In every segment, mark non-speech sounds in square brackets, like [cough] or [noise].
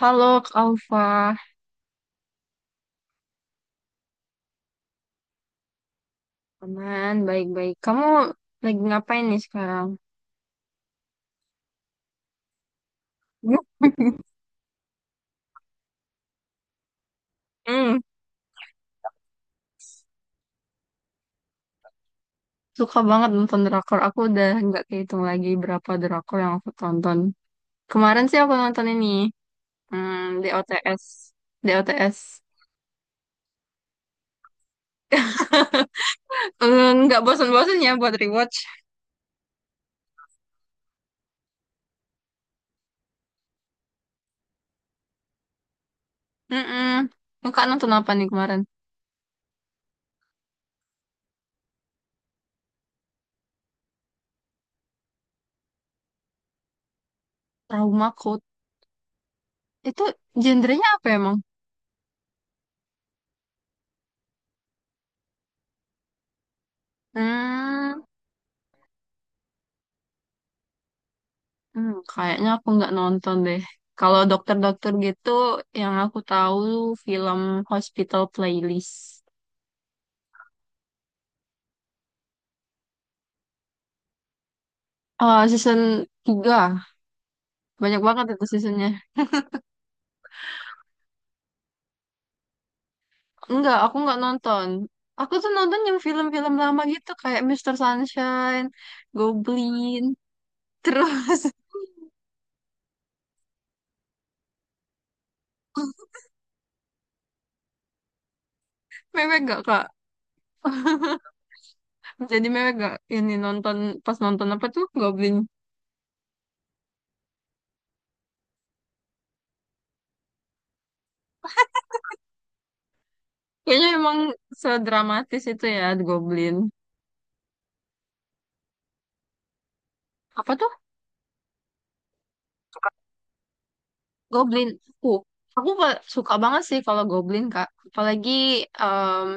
Halo, Kak Alfa. Aman, baik-baik. Kamu lagi ngapain nih sekarang? Hmm. Suka banget nonton drakor. Aku udah nggak kehitung lagi berapa drakor yang aku tonton. Kemarin sih aku nonton ini, DOTS. DOTS. Eh, nggak bosan-bosan ya buat rewatch. Mm-mm. Kak nonton apa nih kemarin? Trauma Code. Itu genrenya apa emang? Hmm. Kayaknya aku nggak nonton deh. Kalau dokter-dokter gitu, yang aku tahu film Hospital Playlist. Oh, season tiga. Banyak banget itu seasonnya. Enggak, aku nggak nonton. Aku tuh nonton yang film-film lama gitu, kayak Mister Sunshine, Goblin. Terus, [laughs] mewek gak, Kak? Jadi mewek gak ini nonton, pas nonton apa tuh Goblin? Kayaknya emang sedramatis itu ya, Goblin. Apa tuh? Goblin. Uh, aku suka banget sih kalau Goblin, Kak. Apalagi em,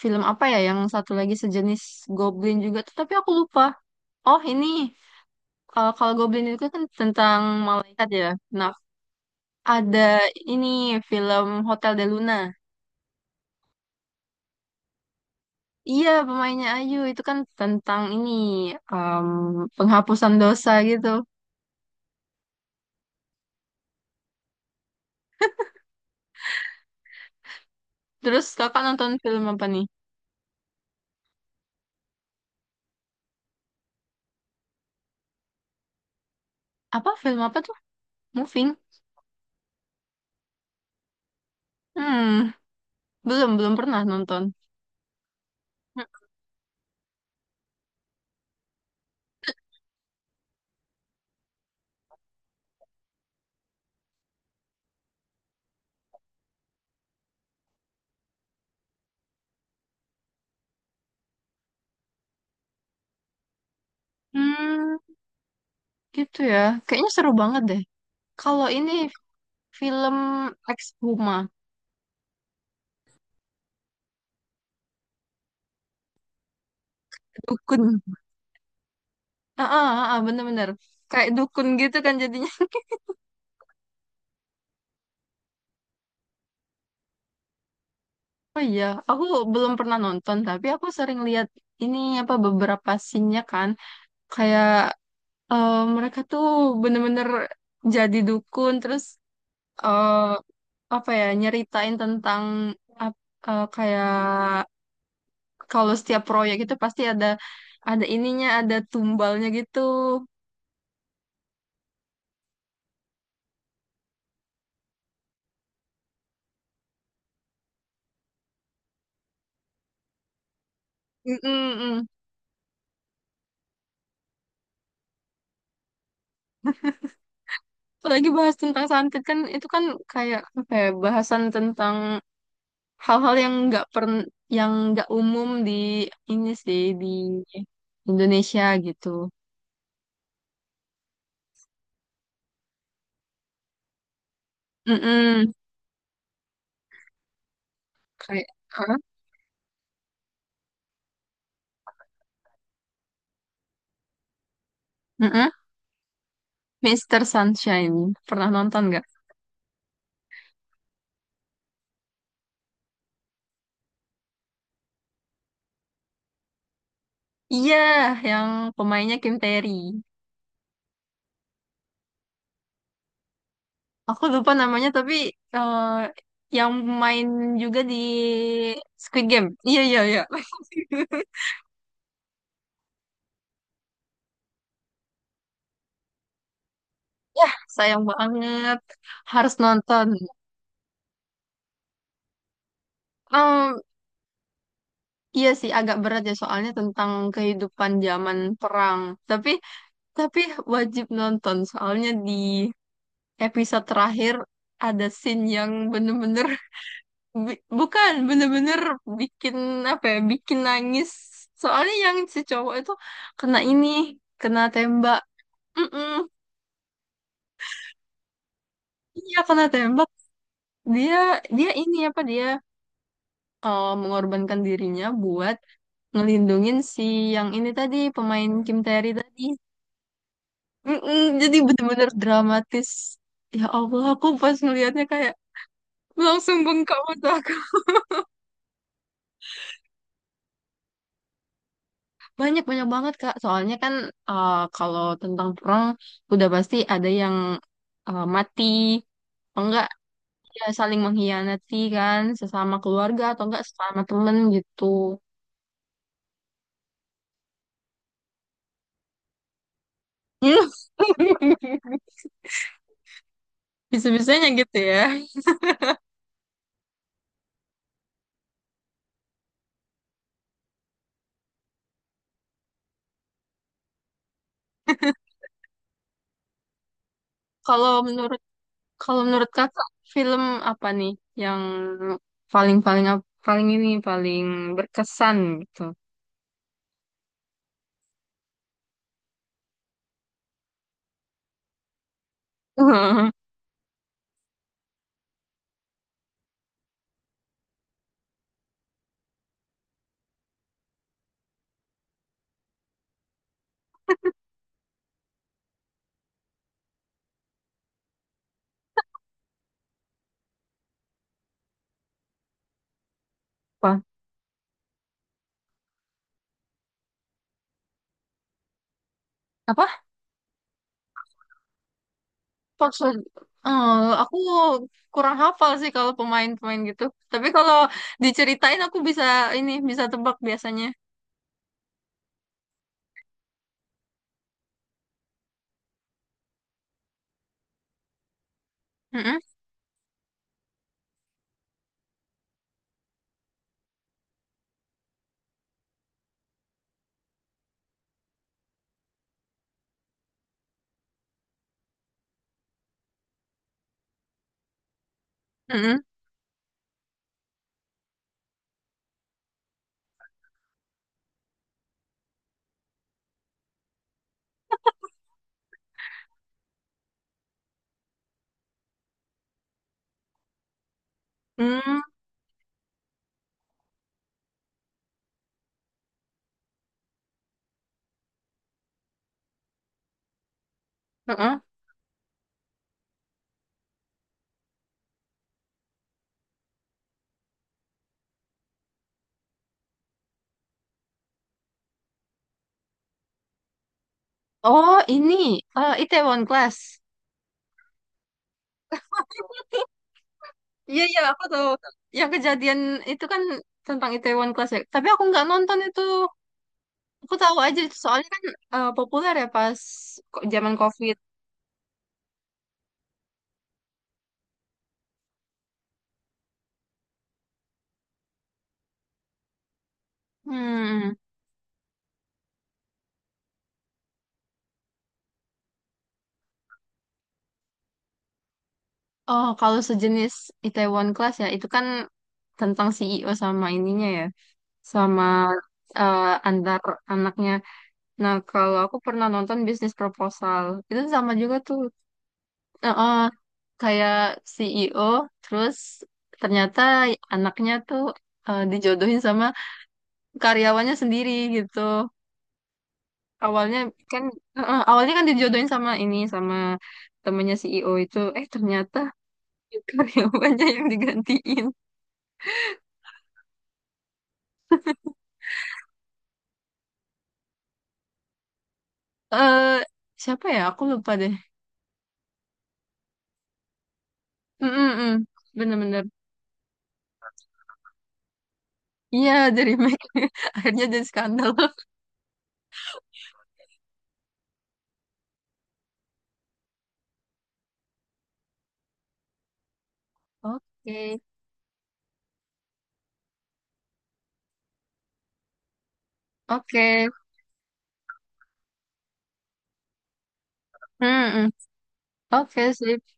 film apa ya yang satu lagi sejenis Goblin juga tuh, tapi aku lupa. Oh, ini kalau Goblin itu kan tentang malaikat ya. Nah, ada ini film Hotel de Luna. Iya, pemainnya Ayu itu kan tentang ini em, penghapusan dosa gitu. Terus Kakak nonton film apa nih? Apa film apa tuh? Moving? Hmm, belum belum pernah nonton. Hmm. Gitu ya. Kayaknya seru banget deh. Kalau ini film Exhuma, Dukun. Ah, ah, ah, ah, bener-bener. Kayak dukun gitu kan jadinya. [laughs] Oh iya, aku belum pernah nonton, tapi aku sering lihat ini apa beberapa scene-nya kan. Kayak mereka tuh bener-bener jadi dukun, terus eh, apa ya, nyeritain tentang ap- kayak kalau setiap proyek itu pasti ada ininya, ada tumbalnya gitu. Mm-mm, mm. Apalagi bahas tentang santet kan itu kan kayak apa ya bahasan tentang hal-hal yang nggak umum di ini sih di Indonesia gitu. Mm-mm. Kayak huh? Mm-mm. Mr. Sunshine pernah nonton nggak? Iya, yang pemainnya Kim Terry. Aku lupa namanya tapi eh, yang main juga di Squid Game. Iya iya iya. [laughs] Ya, sayang banget. Harus nonton. Em, iya sih agak berat ya soalnya tentang kehidupan zaman perang. Tapi tapi wajib nonton soalnya di episode terakhir ada scene yang bener-bener [laughs] bukan bener-bener bikin apa ya bikin nangis. Soalnya yang si cowok itu kena ini kena tembak. Mm-mm. Iya kena tembak. Dia dia ini apa dia eh, mengorbankan dirinya buat ngelindungin si yang ini tadi pemain Kim tae tadi. Mm-mm, jadi bener-bener dramatis. Ya Allah, aku pas ngelihatnya kayak langsung bengkak mata aku. Banyak banyak banget Kak. Soalnya kan kalau tentang perang udah pasti ada yang mati, atau enggak ya saling mengkhianati kan sesama keluarga atau enggak sesama temen gitu. [laughs] Bisa-bisanya gitu ya. Kalau menurut kalau menurut Kakak film apa nih yang paling paling ap- paling ini paling berkesan gitu? [laughs] Apa? Apa? Oxford. Eh, aku kurang hafal sih kalau pemain-pemain gitu. Tapi kalau diceritain aku bisa ini bisa tebak biasanya. Mm-mm, mm-mm, mm, mm-mm. Oh, Itaewon Class. [laughs] Iya iya aku tahu. Yang kejadian itu kan tentang Itaewon Class ya. Tapi aku nggak nonton itu. Aku tahu aja soalnya kan populer ya pas zaman COVID. Hmm. Oh, kalau sejenis Itaewon Class ya, itu kan tentang CEO sama ininya ya, sama antar anaknya. Nah, kalau aku pernah nonton bisnis proposal, itu sama juga tuh. Eh, eh, kayak CEO, terus ternyata anaknya tuh dijodohin sama karyawannya sendiri gitu. Awalnya kan, dijodohin sama ini, sama temennya CEO itu. Eh, ternyata [laughs] karyawannya yang digantiin. Eh, siapa ya? Aku lupa deh. Mm-mm-mm. Bener-bener. Iya, The Remake. [laughs] Akhirnya jadi skandal. [laughs] Oke. Oke. Mm-mm. Oke sih.